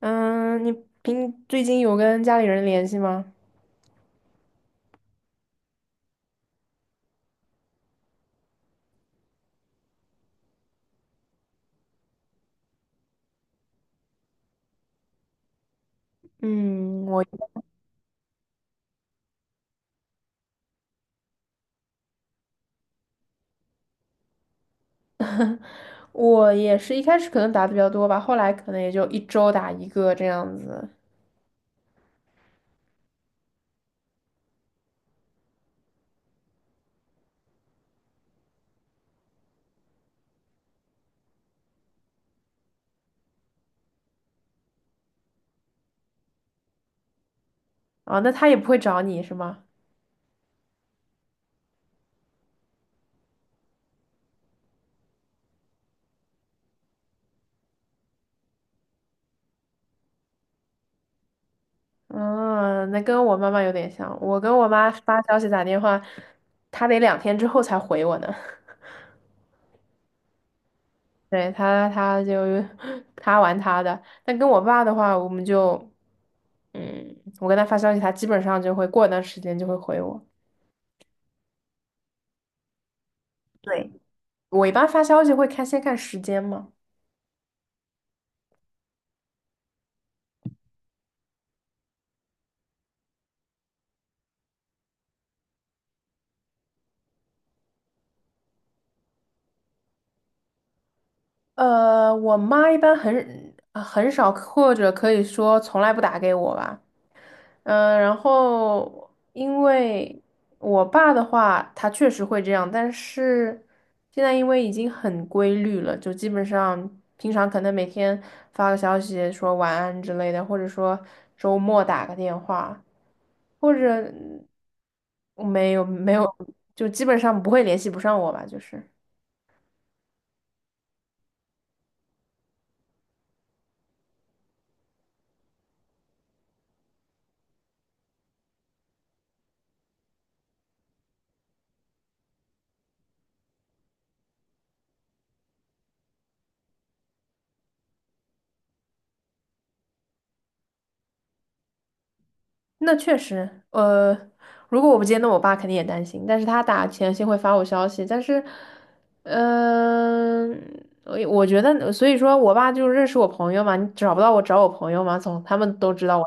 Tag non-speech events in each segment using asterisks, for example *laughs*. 嗯，你平最近有跟家里人联系吗？嗯，我也是一开始可能打的比较多吧，后来可能也就一周打一个这样子。啊，那他也不会找你是吗？嗯，那跟我妈妈有点像，我跟我妈发消息打电话，她得两天之后才回我呢。*laughs* 对，他就 *laughs* 他玩他的，但跟我爸的话，我们就，嗯，我跟他发消息，他基本上就会过一段时间就会回我。对。我一般发消息会看先看时间嘛。我妈一般很啊很少，或者可以说从来不打给我吧。嗯，然后因为我爸的话，他确实会这样，但是现在因为已经很规律了，就基本上平常可能每天发个消息说晚安之类的，或者说周末打个电话，或者没有，就基本上不会联系不上我吧，就是。那确实，如果我不接，那我爸肯定也担心。但是他打前先会发我消息，但是，嗯，我觉得，所以说我爸就认识我朋友嘛，你找不到我找我朋友嘛，从他们都知道我，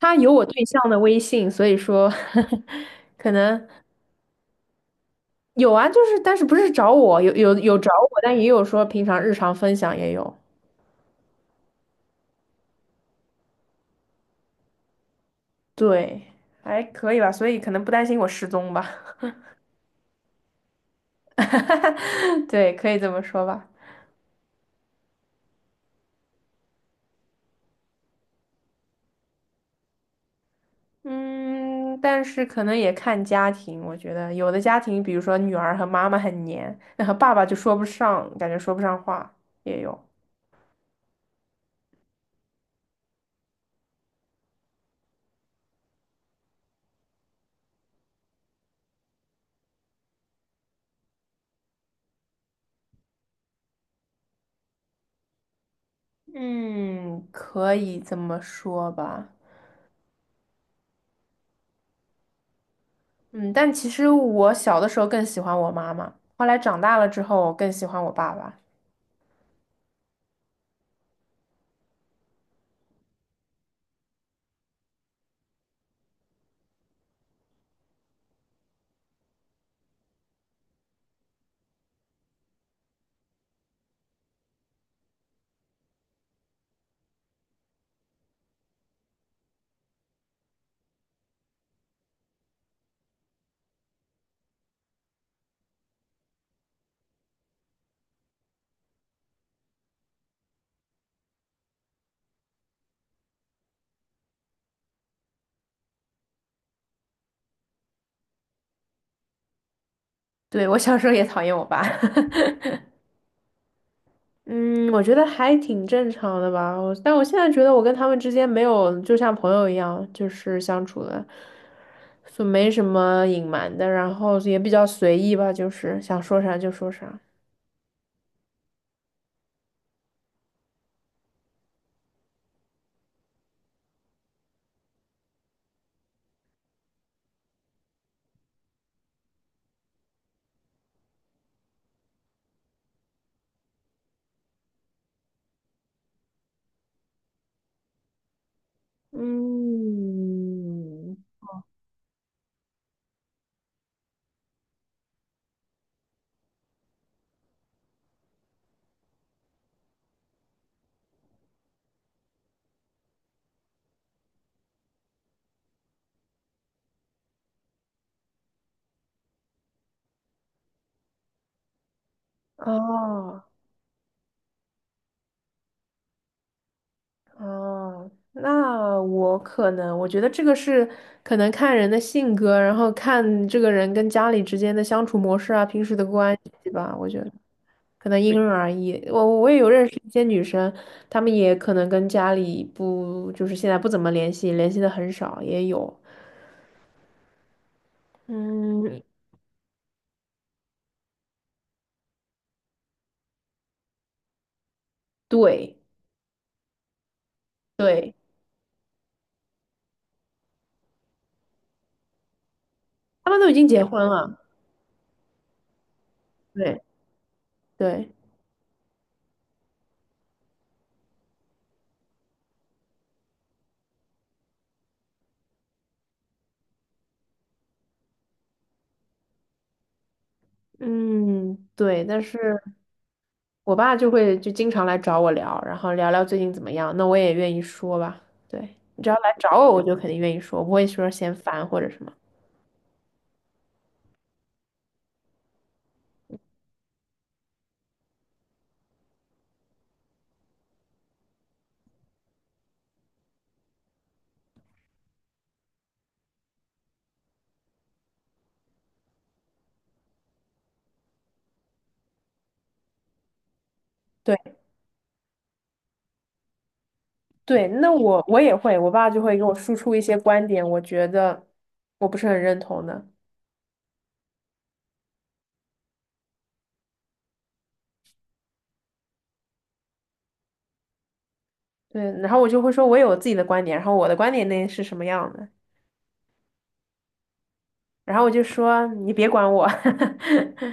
他有我对象的微信，所以说 *laughs* 可能有啊，就是但是不是找我，有找我，但也有说平常日常分享也有，对，还可以吧，所以可能不担心我失踪吧，*laughs* 对，可以这么说吧。嗯，但是可能也看家庭，我觉得有的家庭，比如说女儿和妈妈很黏，那和爸爸就说不上，感觉说不上话，也有。嗯，可以这么说吧。嗯，但其实我小的时候更喜欢我妈妈，后来长大了之后，我更喜欢我爸爸。对，我小时候也讨厌我爸。*laughs* 嗯，我觉得还挺正常的吧。我，但我现在觉得我跟他们之间没有就像朋友一样，就是相处的，就没什么隐瞒的，然后也比较随意吧，就是想说啥就说啥。嗯，哦。哦，那我可能，我觉得这个是可能看人的性格，然后看这个人跟家里之间的相处模式啊，平时的关系吧。我觉得可能因人而异。我也有认识一些女生，她们也可能跟家里不，就是现在不怎么联系，联系的很少，也有。嗯，对对，她们都已经结婚了。对对，嗯对，但是。我爸就会就经常来找我聊，然后聊聊最近怎么样，那我也愿意说吧。对，你只要来找我，我就肯定愿意说，我不会说嫌烦或者什么。对对，那我也会，我爸就会给我输出一些观点，我觉得我不是很认同的。对，然后我就会说，我有我自己的观点，然后我的观点那是什么样的，然后我就说你别管我。*laughs*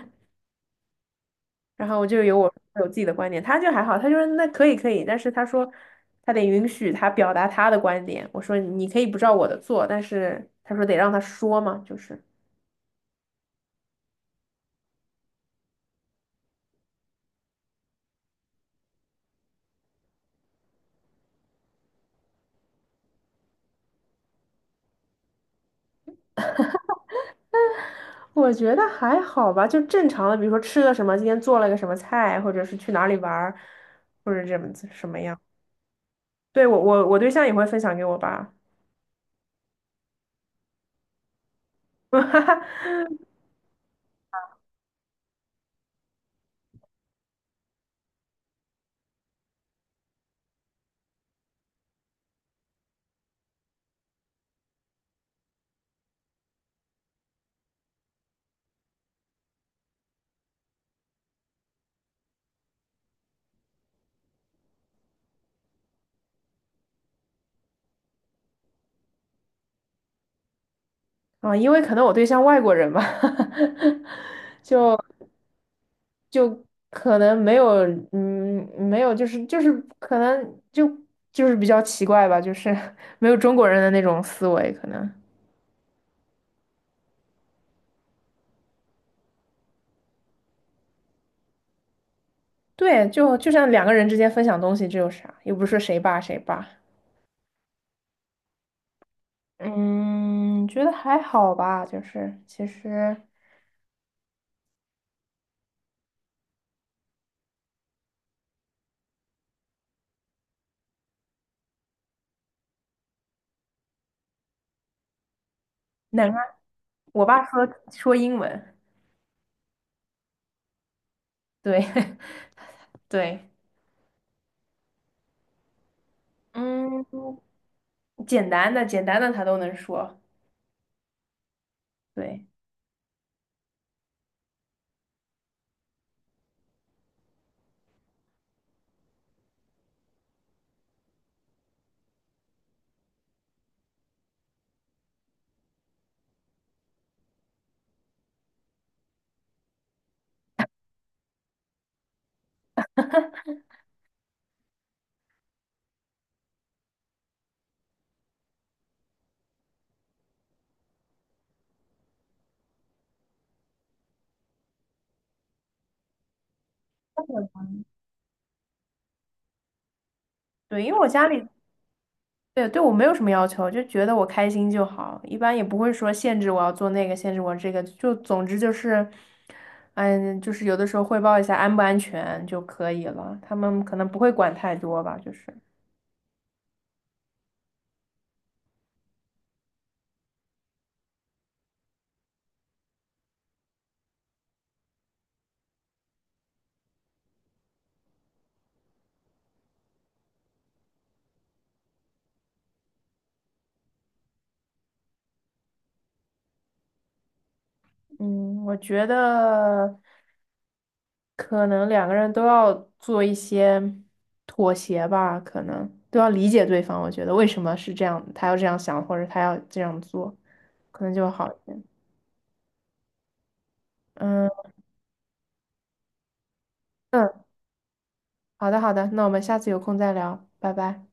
然后我就有我有自己的观点，他就还好，他就说那可以，但是他说他得允许他表达他的观点。我说你可以不照我的做，但是他说得让他说嘛，就是我觉得还好吧，就正常的，比如说吃了什么，今天做了个什么菜，或者是去哪里玩儿，或者怎么子什么样。对，我对象也会分享给我吧，*laughs* 啊，因为可能我对象外国人吧，*laughs* 就。就可能没有，嗯，没有，就是可能就比较奇怪吧，就是 *laughs* 没有中国人的那种思维，可能对，就像两个人之间分享东西，这有啥？又不是谁霸。嗯，觉得还好吧，就是其实哪怕我爸说说英文，对 *laughs* 对，嗯，简单的他都能说，对对，因为我家里对，对我没有什么要求，就觉得我开心就好，一般也不会说限制我要做那个，限制我这个，就总之就是，嗯，就是有的时候汇报一下安不安全就可以了，他们可能不会管太多吧，就是，嗯，我觉得可能两个人都要做一些妥协吧，可能都要理解对方，我觉得为什么是这样，他要这样想，或者他要这样做，可能就会好一点。嗯嗯，好的好的，那我们下次有空再聊，拜拜。